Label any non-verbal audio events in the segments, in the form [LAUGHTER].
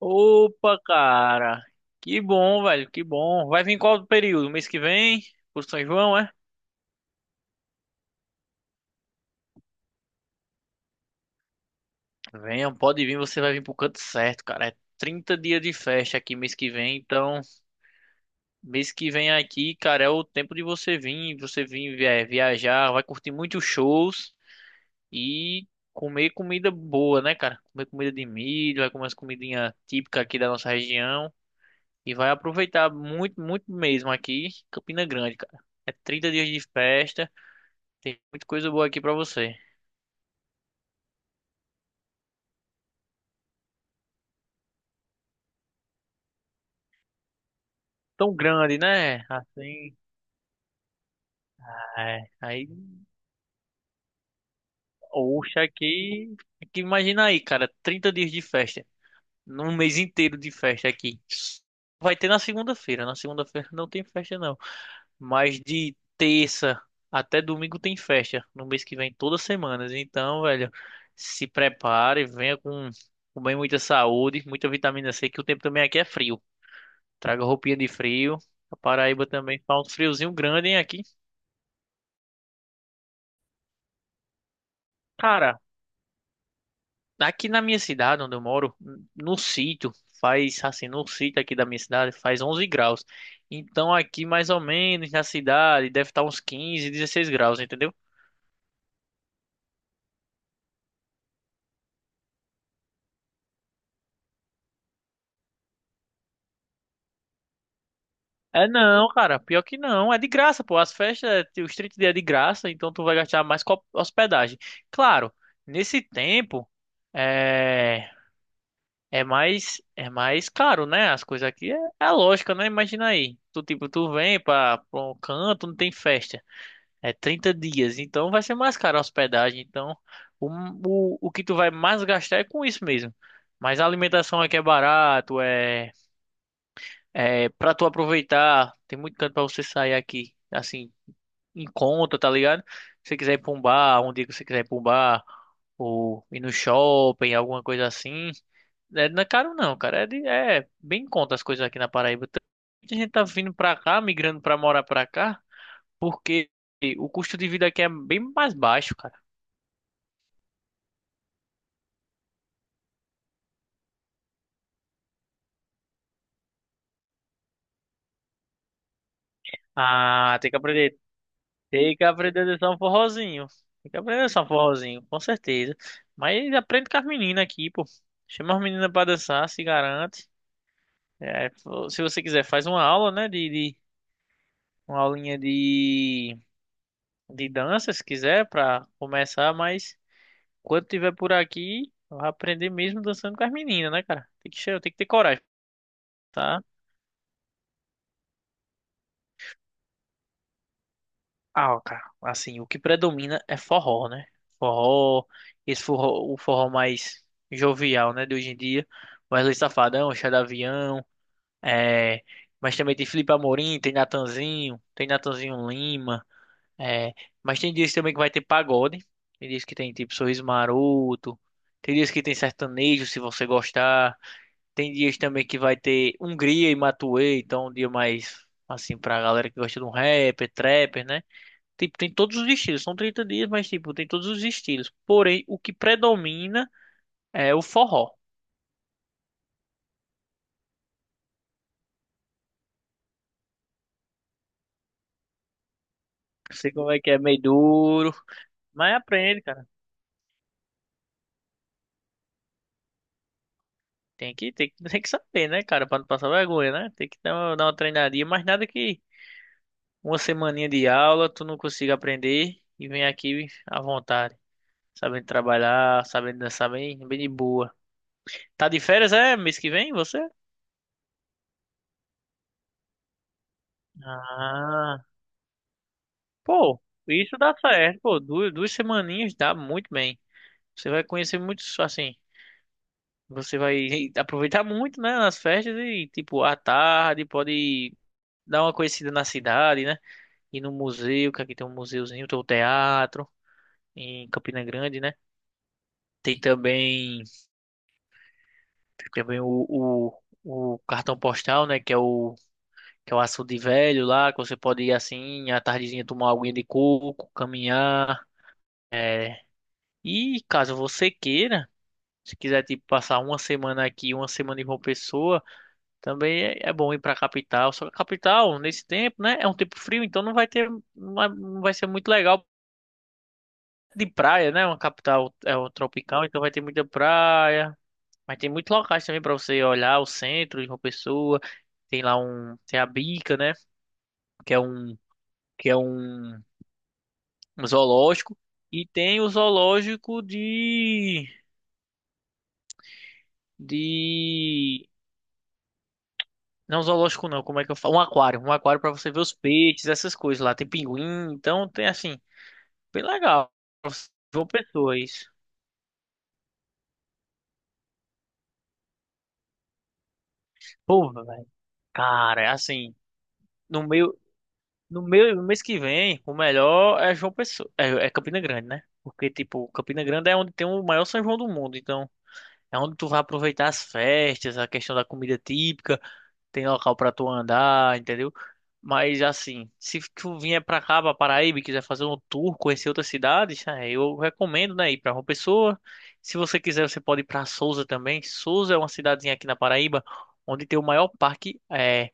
Opa, cara. Que bom, velho, que bom. Vai vir qual período? Mês que vem? Por São João, é? Venha, pode vir, você vai vir pro canto certo, cara. É 30 dias de festa aqui mês que vem, então mês que vem aqui, cara, é o tempo de você vir, viajar, vai curtir muitos shows e comer comida boa, né, cara? Comer comida de milho, vai comer as comidinhas típicas aqui da nossa região e vai aproveitar muito, muito mesmo aqui, Campina Grande, cara. É 30 dias de festa. Tem muita coisa boa aqui pra você. Tão grande, né? Assim, é. Aí, oxa, aqui, imagina aí, cara, 30 dias de festa, num mês inteiro de festa aqui. Vai ter na segunda-feira não tem festa não, mas de terça até domingo tem festa, no mês que vem todas as semanas. Então, velho, se prepare, venha com bem muita saúde, muita vitamina C, que o tempo também aqui é frio. Traga roupinha de frio. A Paraíba também faz um friozinho grande, hein, aqui. Cara, aqui na minha cidade onde eu moro, no sítio, faz assim, no sítio aqui da minha cidade faz 11 graus. Então aqui mais ou menos na cidade deve estar uns 15, 16 graus, entendeu? É não, cara, pior que não, é de graça, pô. As festas, os 30 dias é de graça, então tu vai gastar mais com a hospedagem. Claro, nesse tempo é é mais caro, né? As coisas aqui é lógica, né? Imagina aí, tu tipo, tu vem para um canto, não tem festa. É 30 dias, então vai ser mais caro a hospedagem. Então, o, o que tu vai mais gastar é com isso mesmo. Mas a alimentação aqui é barato, é pra tu aproveitar. Tem muito canto pra você sair aqui, assim, em conta, tá ligado? Se você quiser ir pra um bar, um dia que você quiser ir pra um bar, ou ir no shopping, alguma coisa assim. É, não é caro não, cara. É bem em conta as coisas aqui na Paraíba. Muita gente tá vindo pra cá, migrando pra morar pra cá. Porque o custo de vida aqui é bem mais baixo, cara. Ah, tem que aprender. Tem que aprender a dançar um forrozinho. Tem que aprender a dançar um forrozinho, com certeza. Mas aprende com as meninas aqui, pô. Chama as meninas pra dançar, se garante. É, se você quiser, faz uma aula, né? Uma aulinha de dança, se quiser, pra começar. Mas quando tiver por aqui, vai aprender mesmo dançando com as meninas, né, cara? Tem que ter coragem, tá? Ah, cara, assim, o que predomina é forró, né? Forró, esse forró, o forró mais jovial, né, de hoje em dia. Wesley Safadão, Chá de Avião, é... mas também tem Felipe Amorim, tem Natanzinho Lima, é... mas tem dias também que vai ter pagode, tem dias que tem tipo Sorriso Maroto, tem dias que tem sertanejo, se você gostar, tem dias também que vai ter Hungria e Matuê, então um dia mais, assim, pra galera que gosta de um rapper, trapper, né? Tipo, tem todos os estilos. São 30 dias, mas, tipo, tem todos os estilos. Porém, o que predomina é o forró. Não sei como é que é, meio duro. Mas aprende, cara. Tem que [LAUGHS] tem que saber, né, cara? Pra não passar vergonha, né? Tem que dar uma treinadinha. Mas nada que uma semaninha de aula tu não consiga aprender e vem aqui à vontade. Sabendo trabalhar, sabendo dançar bem, bem de boa. Tá de férias, é? Mês que vem, você? Ah, pô, isso dá certo, pô. Duas semaninhas dá muito bem. Você vai conhecer muitos, assim, você vai [LAUGHS] aproveitar muito, né, nas festas e, tipo, à tarde pode dar uma conhecida na cidade, né? Ir no museu, que aqui tem um museuzinho, tem o teatro em Campina Grande, né? Tem também, tem também o cartão postal, né, que é o Açude Velho lá, que você pode ir assim, à tardezinha tomar uma aguinha de coco, caminhar. E caso você queira, se quiser, tipo, passar uma semana aqui, uma semana em João Pessoa, também é bom ir para a capital. Só que a capital, nesse tempo, né? É um tempo frio, então não vai ter, não vai, não vai ser muito legal de praia, né? Uma capital é um tropical, então vai ter muita praia. Mas tem muitos locais também para você olhar, o centro de uma pessoa. Tem a Bica, né? Que é um, que é um zoológico. E tem o zoológico de não zoológico não, como é que eu falo? Um aquário para você ver os peixes, essas coisas lá. Tem pinguim, então tem assim, bem legal. João Pessoa, isso. Pô, velho. Cara, é assim, no meu no mês que vem, o melhor é João Pessoa, é Campina Grande, né? Porque, tipo, Campina Grande é onde tem o maior São João do mundo, então é onde tu vai aproveitar as festas, a questão da comida típica. Tem local pra tu andar, entendeu? Mas assim, se tu vier pra cá, pra Paraíba, e quiser fazer um tour, conhecer outras cidades, né, eu recomendo, né, ir pra João Pessoa. Se você quiser, você pode ir pra Sousa também. Sousa é uma cidadezinha aqui na Paraíba, onde tem o maior parque, é,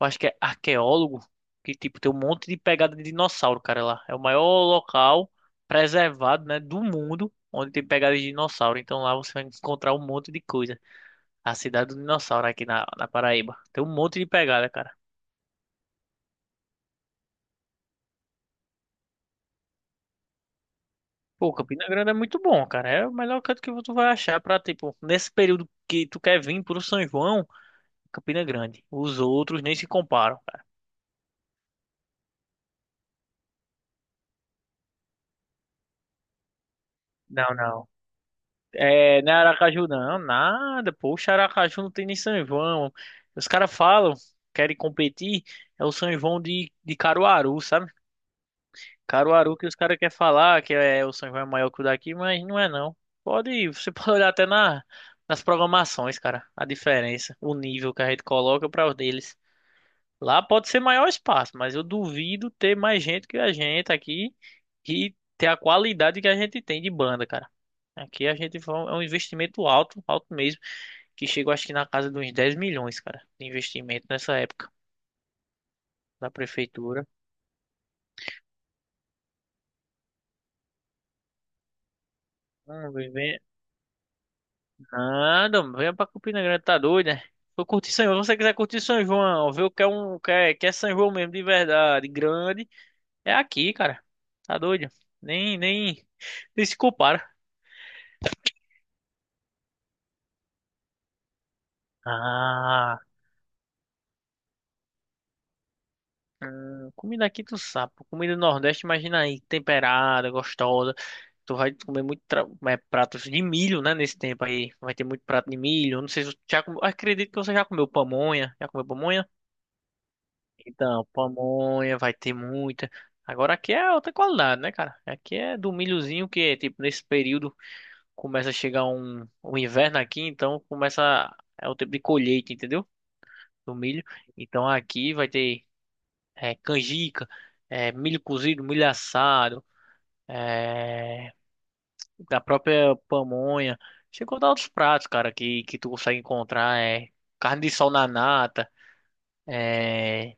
eu acho que é arqueólogo, que tipo, tem um monte de pegada de dinossauro, cara, lá. É o maior local preservado, né, do mundo, onde tem pegada de dinossauro. Então lá você vai encontrar um monte de coisa. A Cidade do Dinossauro aqui na Paraíba. Tem um monte de pegada, cara. Pô, Campina Grande é muito bom, cara. É o melhor canto que tu vai achar pra, tipo, nesse período que tu quer vir pro São João, Campina Grande. Os outros nem se comparam, cara. Não, não. É, não é Aracaju, não. Nada. Poxa, Aracaju não tem nem São João. Os caras falam, querem competir. É o São João de Caruaru, sabe? Caruaru que os caras querem falar que é o São João é maior que o daqui, mas não é não. Você [LAUGHS] pode olhar até nas programações, cara, a diferença, o nível que a gente coloca para os deles. Lá pode ser maior espaço, mas eu duvido ter mais gente que a gente aqui e ter a qualidade que a gente tem de banda, cara. Aqui é um investimento alto, alto mesmo, que chegou acho que na casa de uns 10 milhões, cara, de investimento nessa época da prefeitura. Hum. Nada, mano, venha pra Campina Grande, tá doido, né? Vou curtir São João. Se você quiser curtir São João, ver o que é um, o que é São João mesmo, de verdade, grande, é aqui, cara. Tá doido? Nem, nem, nem se compara. Ah, comida aqui tu sabe, pô. Comida do Nordeste, imagina aí, temperada, gostosa. Tu vai comer muito pratos de milho, né? Nesse tempo aí, vai ter muito prato de milho. Não sei se você já comeu, acredito que você já comeu pamonha. Já comeu pamonha? Então, pamonha vai ter muita. Agora aqui é outra qualidade, né, cara? Aqui é do milhozinho que, tipo, nesse período começa a chegar um inverno aqui, então começa. É o tempo de colheita, entendeu? Do milho. Então aqui vai ter é, canjica, é, milho cozido, milho assado, é, da própria pamonha. Chegou a outros pratos, cara, que tu consegue encontrar. É, carne de sol na nata, é,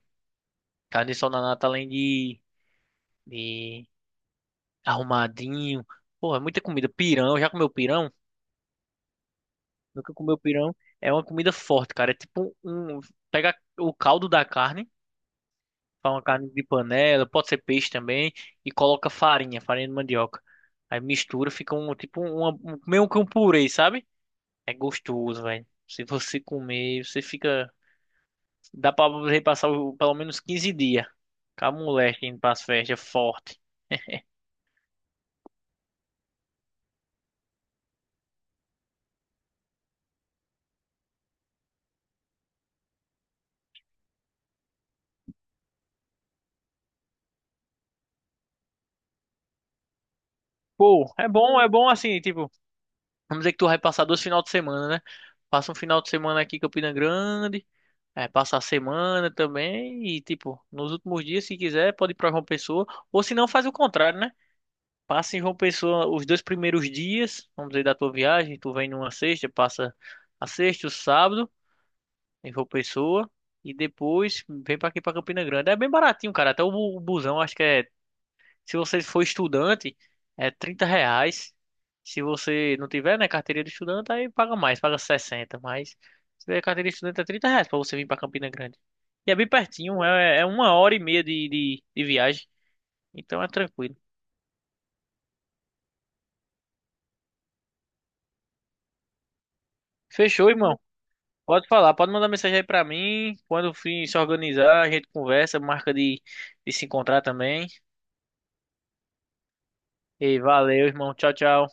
carne de sol na nata além de. De Arrumadinho. Porra, é muita comida. Pirão, já comeu pirão? Nunca comeu pirão. É uma comida forte, cara. É tipo um. Pega o caldo da carne, faz uma carne de panela, pode ser peixe também, e coloca farinha, farinha de mandioca. Aí mistura, fica um tipo meio que um purê, sabe? É gostoso, velho. Se você comer, você fica. Dá pra você passar pelo menos 15 dias. Com a moleque indo pras festas, forte. Pô, é bom assim, tipo. Vamos dizer que tu vai passar dois final de semana, né? Passa um final de semana aqui em Campina Grande, é, passa a semana também e, tipo, nos últimos dias, se quiser, pode ir pra João Pessoa. Ou se não, faz o contrário, né? Passa em João Pessoa os dois primeiros dias, vamos dizer, da tua viagem. Tu vem numa sexta, passa a sexta, o sábado em João Pessoa e depois vem pra aqui pra Campina Grande. É bem baratinho, cara. Até o o busão, acho que é se você for estudante, é R$ 30. Se você não tiver, né, carteira de estudante, aí paga mais, paga 60. Mas se tiver carteira de estudante, é R$ 30 pra você vir pra Campina Grande. E é bem pertinho, é uma hora e meia de viagem. Então é tranquilo. Fechou, irmão. Pode falar, pode mandar mensagem aí pra mim. Quando o fim se organizar, a gente conversa, marca de se encontrar também. E valeu, irmão. Tchau, tchau.